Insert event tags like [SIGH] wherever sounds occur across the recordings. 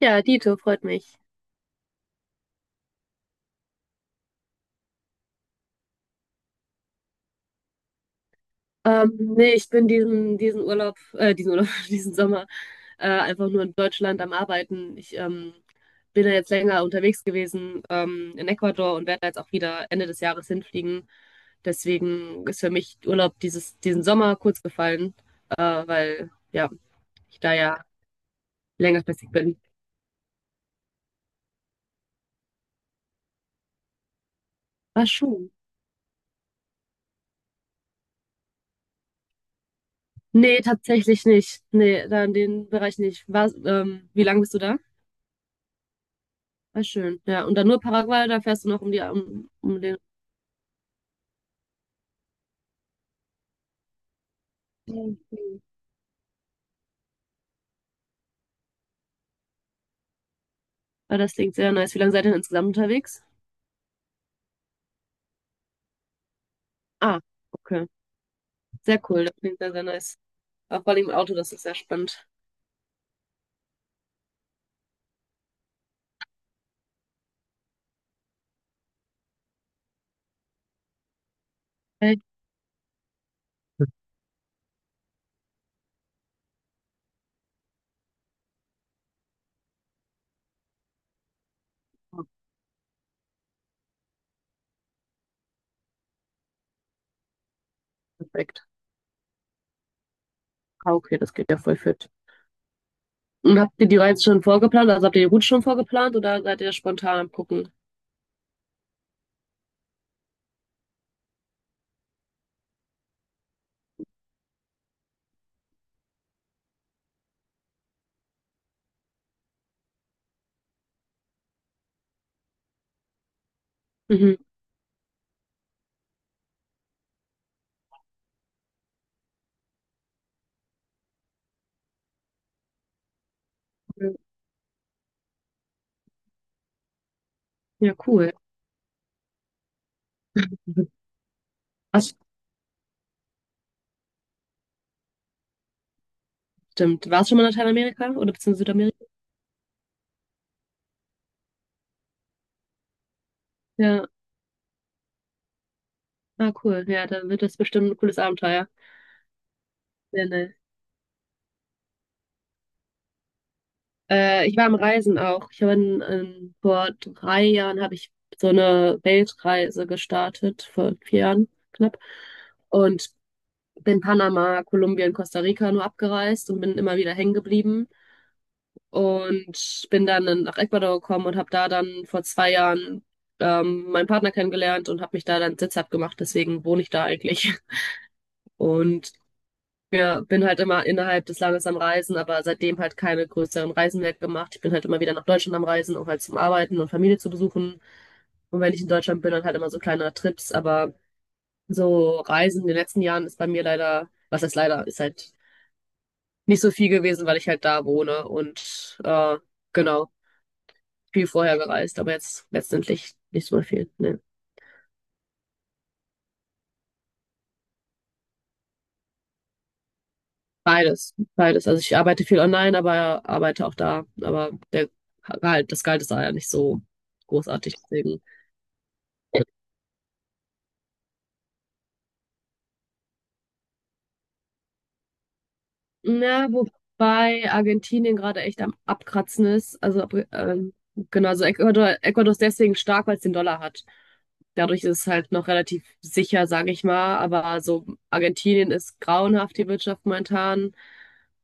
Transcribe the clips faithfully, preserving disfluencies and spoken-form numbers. Ja, Dito, freut mich. Ähm, nee, ich bin diesen, diesen Urlaub, äh, diesen Urlaub, [LAUGHS] diesen Sommer äh, einfach nur in Deutschland am Arbeiten. Ich ähm, bin da jetzt länger unterwegs gewesen ähm, in Ecuador und werde da jetzt auch wieder Ende des Jahres hinfliegen. Deswegen ist für mich Urlaub dieses, diesen Sommer kurz gefallen, äh, weil ja, ich da ja längerfristig bin. War schon. Nee, tatsächlich nicht. Nee, da in den Bereich nicht. War, ähm, wie lange bist du da? Ah, schön. Ja, und dann nur Paraguay, da fährst du noch um die, um, um den. Mhm. Ah, das klingt sehr nice. Wie lange seid ihr denn insgesamt unterwegs? Ah, okay. Sehr cool. Das klingt sehr, sehr nice. Auch vor allem im Auto, das ist sehr spannend. Echt? Oh, perfekt. Ah, okay, das geht ja voll fit. Und habt ihr die Reise schon vorgeplant? Also habt ihr die Route schon vorgeplant oder seid ihr spontan am Gucken? Mhm. Ja, cool. Das stimmt. Warst du schon mal in Lateinamerika oder beziehungsweise Südamerika? Ja, ah, cool. Ja, dann wird das bestimmt ein cooles Abenteuer. Ja, Äh, ich war am Reisen auch. Ich habe in, vor drei Jahren habe ich so eine Weltreise gestartet, vor vier Jahren knapp. Und bin Panama, Kolumbien, Costa Rica nur abgereist und bin immer wieder hängen geblieben. Und bin dann in- nach Ecuador gekommen und habe da dann vor zwei Jahren ähm, meinen Partner kennengelernt und habe mich da dann sitzhaft gemacht. Deswegen wohne ich da eigentlich. [LAUGHS] Und ja, bin halt immer innerhalb des Landes am Reisen, aber seitdem halt keine größeren Reisen mehr gemacht. Ich bin halt immer wieder nach Deutschland am Reisen, um halt zum Arbeiten und Familie zu besuchen. Und wenn ich in Deutschland bin, dann halt immer so kleine Trips. Aber so Reisen in den letzten Jahren ist bei mir leider, was heißt leider, ist halt nicht so viel gewesen, weil ich halt da wohne und äh, genau, viel vorher gereist, aber jetzt letztendlich nicht so viel. Nee. Beides, beides. Also ich arbeite viel online, aber arbeite auch da. Aber der Gehalt, das Gehalt ist da ja nicht so großartig. Deswegen. Na, wobei Argentinien gerade echt am Abkratzen ist. Also, ab- ähm, genau, also Ecuador, Ecuador ist deswegen stark, weil es den Dollar hat. Dadurch ist es halt noch relativ sicher, sage ich mal. Aber so Argentinien ist grauenhaft, die Wirtschaft momentan.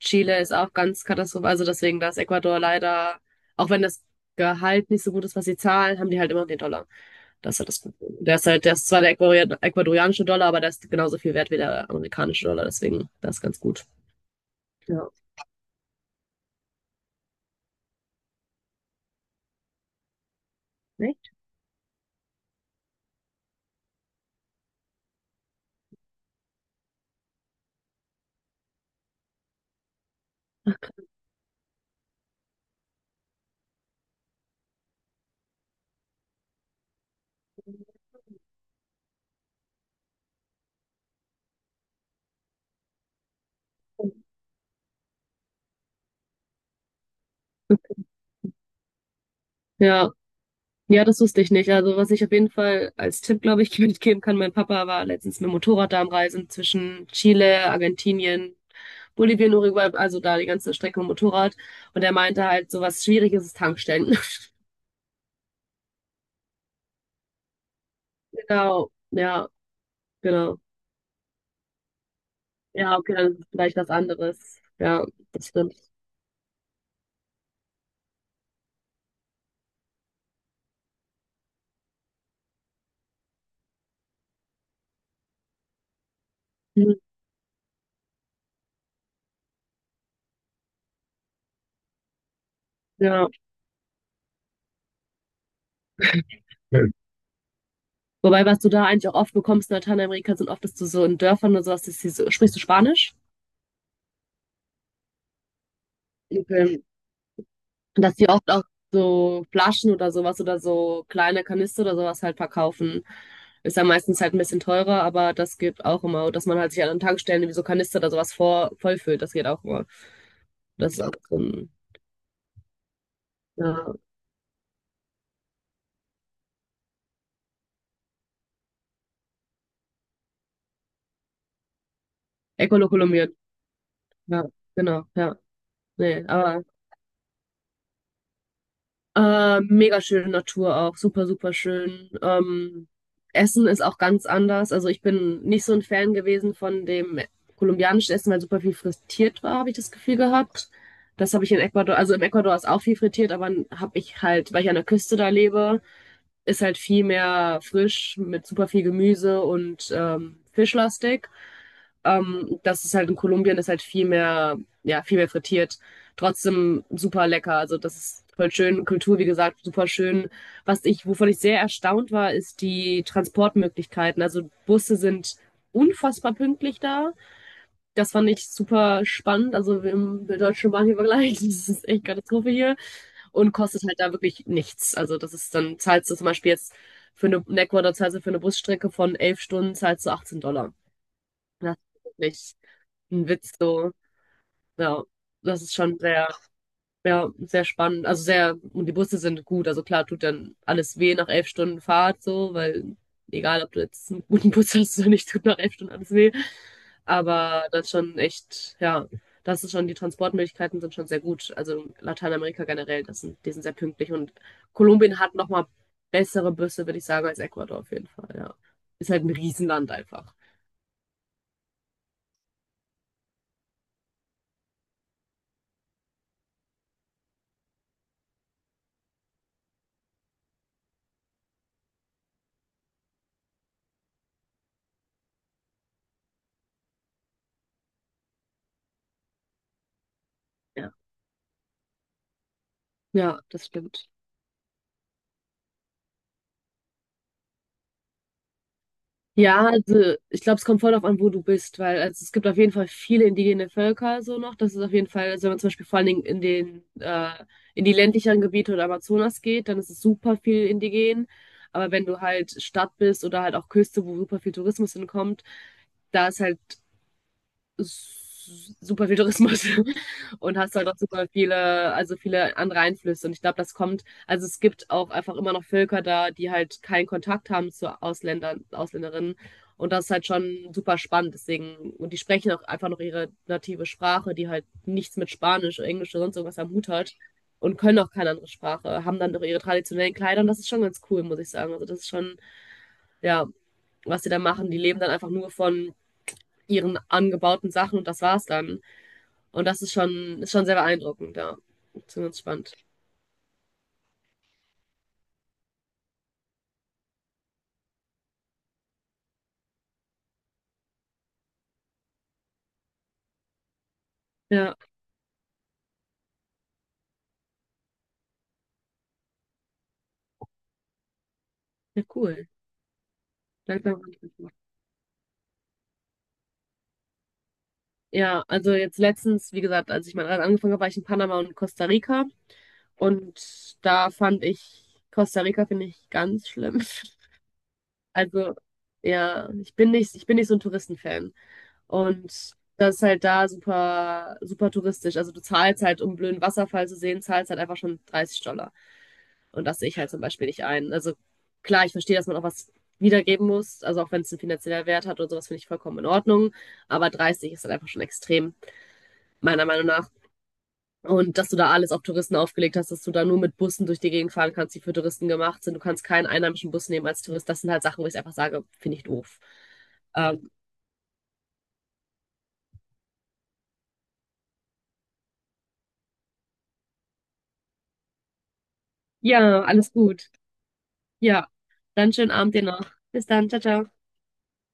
Chile ist auch ganz katastrophal. Also deswegen, da ist Ecuador leider, auch wenn das Gehalt nicht so gut ist, was sie zahlen, haben die halt immer den Dollar. Das ist halt das Problem. Der ist halt, der ist zwar der Ecuador- ecuadorianische Dollar, aber der ist genauso viel wert wie der amerikanische Dollar. Deswegen, das ist ganz gut. Ja. Echt? Ja, ja, das wusste ich nicht. Also was ich auf jeden Fall als Tipp, glaube ich, [LAUGHS] mitgeben kann, mein Papa war letztens mit dem Motorrad da am Reisen zwischen Chile, Argentinien, Bolivien, Uruguay, also da die ganze Strecke mit dem Motorrad. Und er meinte halt, so was Schwieriges ist Tankstellen. [LAUGHS] Genau, ja, genau. Ja, okay, dann ist es vielleicht was anderes. Ja, das stimmt. Mhm. Ja. Hm. Wobei, was du da eigentlich auch oft bekommst in Lateinamerika, sind oft, dass du so in Dörfern oder sowas, dass die so, sprichst du Spanisch? Okay. Dass die oft auch so Flaschen oder sowas oder so kleine Kanister oder sowas halt verkaufen. Ist ja meistens halt ein bisschen teurer, aber das geht auch immer. Dass man halt sich an Tankstellen wie so Kanister oder sowas vor, vollfüllt, das geht auch immer. Das ist auch so ein, ja, Echolokaliert. Ja, genau, ja. Nee, aber. Äh, mega schöne Natur auch, super, super schön. Ähm, Essen ist auch ganz anders. Also ich bin nicht so ein Fan gewesen von dem kolumbianischen Essen, weil super viel frittiert war, habe ich das Gefühl gehabt. Das habe ich in Ecuador, also im Ecuador ist auch viel frittiert, aber habe ich halt, weil ich an der Küste da lebe, ist halt viel mehr frisch mit super viel Gemüse und ähm, fischlastig. Ähm, das ist halt in Kolumbien ist halt viel mehr, ja, viel mehr frittiert. Trotzdem super lecker. Also das ist voll schön. Kultur, wie gesagt, super schön. Was ich, wovon ich sehr erstaunt war, ist die Transportmöglichkeiten. Also Busse sind unfassbar pünktlich da. Das fand ich super spannend. Also im der deutschen Bahn hier vergleicht, [LAUGHS] das ist echt Katastrophe hier. Und kostet halt da wirklich nichts. Also das ist dann, zahlst du zum Beispiel jetzt für eine, in Ecuador zahlst du für eine Busstrecke von elf Stunden, zahlst du achtzehn Dollar. Das ist wirklich ein Witz so. Ja, das ist schon sehr, ja, sehr spannend. Also sehr, und die Busse sind gut. Also klar tut dann alles weh nach elf Stunden Fahrt so, weil egal, ob du jetzt einen guten Bus hast oder nicht, tut nach elf Stunden alles weh. Aber das ist schon echt, ja, das ist schon, die Transportmöglichkeiten sind schon sehr gut. Also Lateinamerika generell, das sind, die sind sehr pünktlich und Kolumbien hat nochmal bessere Busse, würde ich sagen, als Ecuador auf jeden Fall, ja. Ist halt ein Riesenland einfach. Ja, ja, das stimmt. Ja, also ich glaube, es kommt voll darauf an, wo du bist, weil also es gibt auf jeden Fall viele indigene Völker so noch. Das ist auf jeden Fall, also wenn man zum Beispiel vor allen Dingen in den äh, in die ländlicheren Gebiete oder Amazonas geht, dann ist es super viel indigen. Aber wenn du halt Stadt bist oder halt auch Küste, wo super viel Tourismus hinkommt, da ist halt s- super viel Tourismus [LAUGHS] und hast halt auch super viele, also viele andere Einflüsse. Und ich glaube, das kommt, also es gibt auch einfach immer noch Völker da, die halt keinen Kontakt haben zu Ausländern, Ausländerinnen. Und das ist halt schon super spannend. Deswegen, und die sprechen auch einfach noch ihre native Sprache, die halt nichts mit Spanisch oder Englisch oder sonst irgendwas am Hut hat und können auch keine andere Sprache, haben dann noch ihre traditionellen Kleider und das ist schon ganz cool, muss ich sagen. Also das ist schon, ja, was sie da machen. Die leben dann einfach nur von ihren angebauten Sachen und das war's dann. Und das ist schon, ist schon sehr beeindruckend, ja. Zumindest spannend. Ja, ja, cool. Langsam. Ja, also jetzt letztens, wie gesagt, als ich mal angefangen habe, war ich in Panama und Costa Rica. Und da fand ich, Costa Rica finde ich ganz schlimm. [LAUGHS] Also, ja, ich bin nicht, ich bin nicht so ein Touristenfan. Und das ist halt da super, super touristisch. Also du zahlst halt, um einen blöden Wasserfall zu sehen, zahlst halt einfach schon dreißig Dollar. Und das sehe ich halt zum Beispiel nicht ein. Also klar, ich verstehe, dass man auch was wiedergeben muss. Also auch wenn es einen finanziellen Wert hat oder sowas, finde ich vollkommen in Ordnung. Aber dreißig ist dann einfach schon extrem, meiner Meinung nach. Und dass du da alles auf Touristen aufgelegt hast, dass du da nur mit Bussen durch die Gegend fahren kannst, die für Touristen gemacht sind. Du kannst keinen einheimischen Bus nehmen als Tourist. Das sind halt Sachen, wo ich einfach sage, finde ich doof. Ähm, ja, alles gut. Ja, dann schönen Abend dir noch. Bis dann. Ciao, ciao.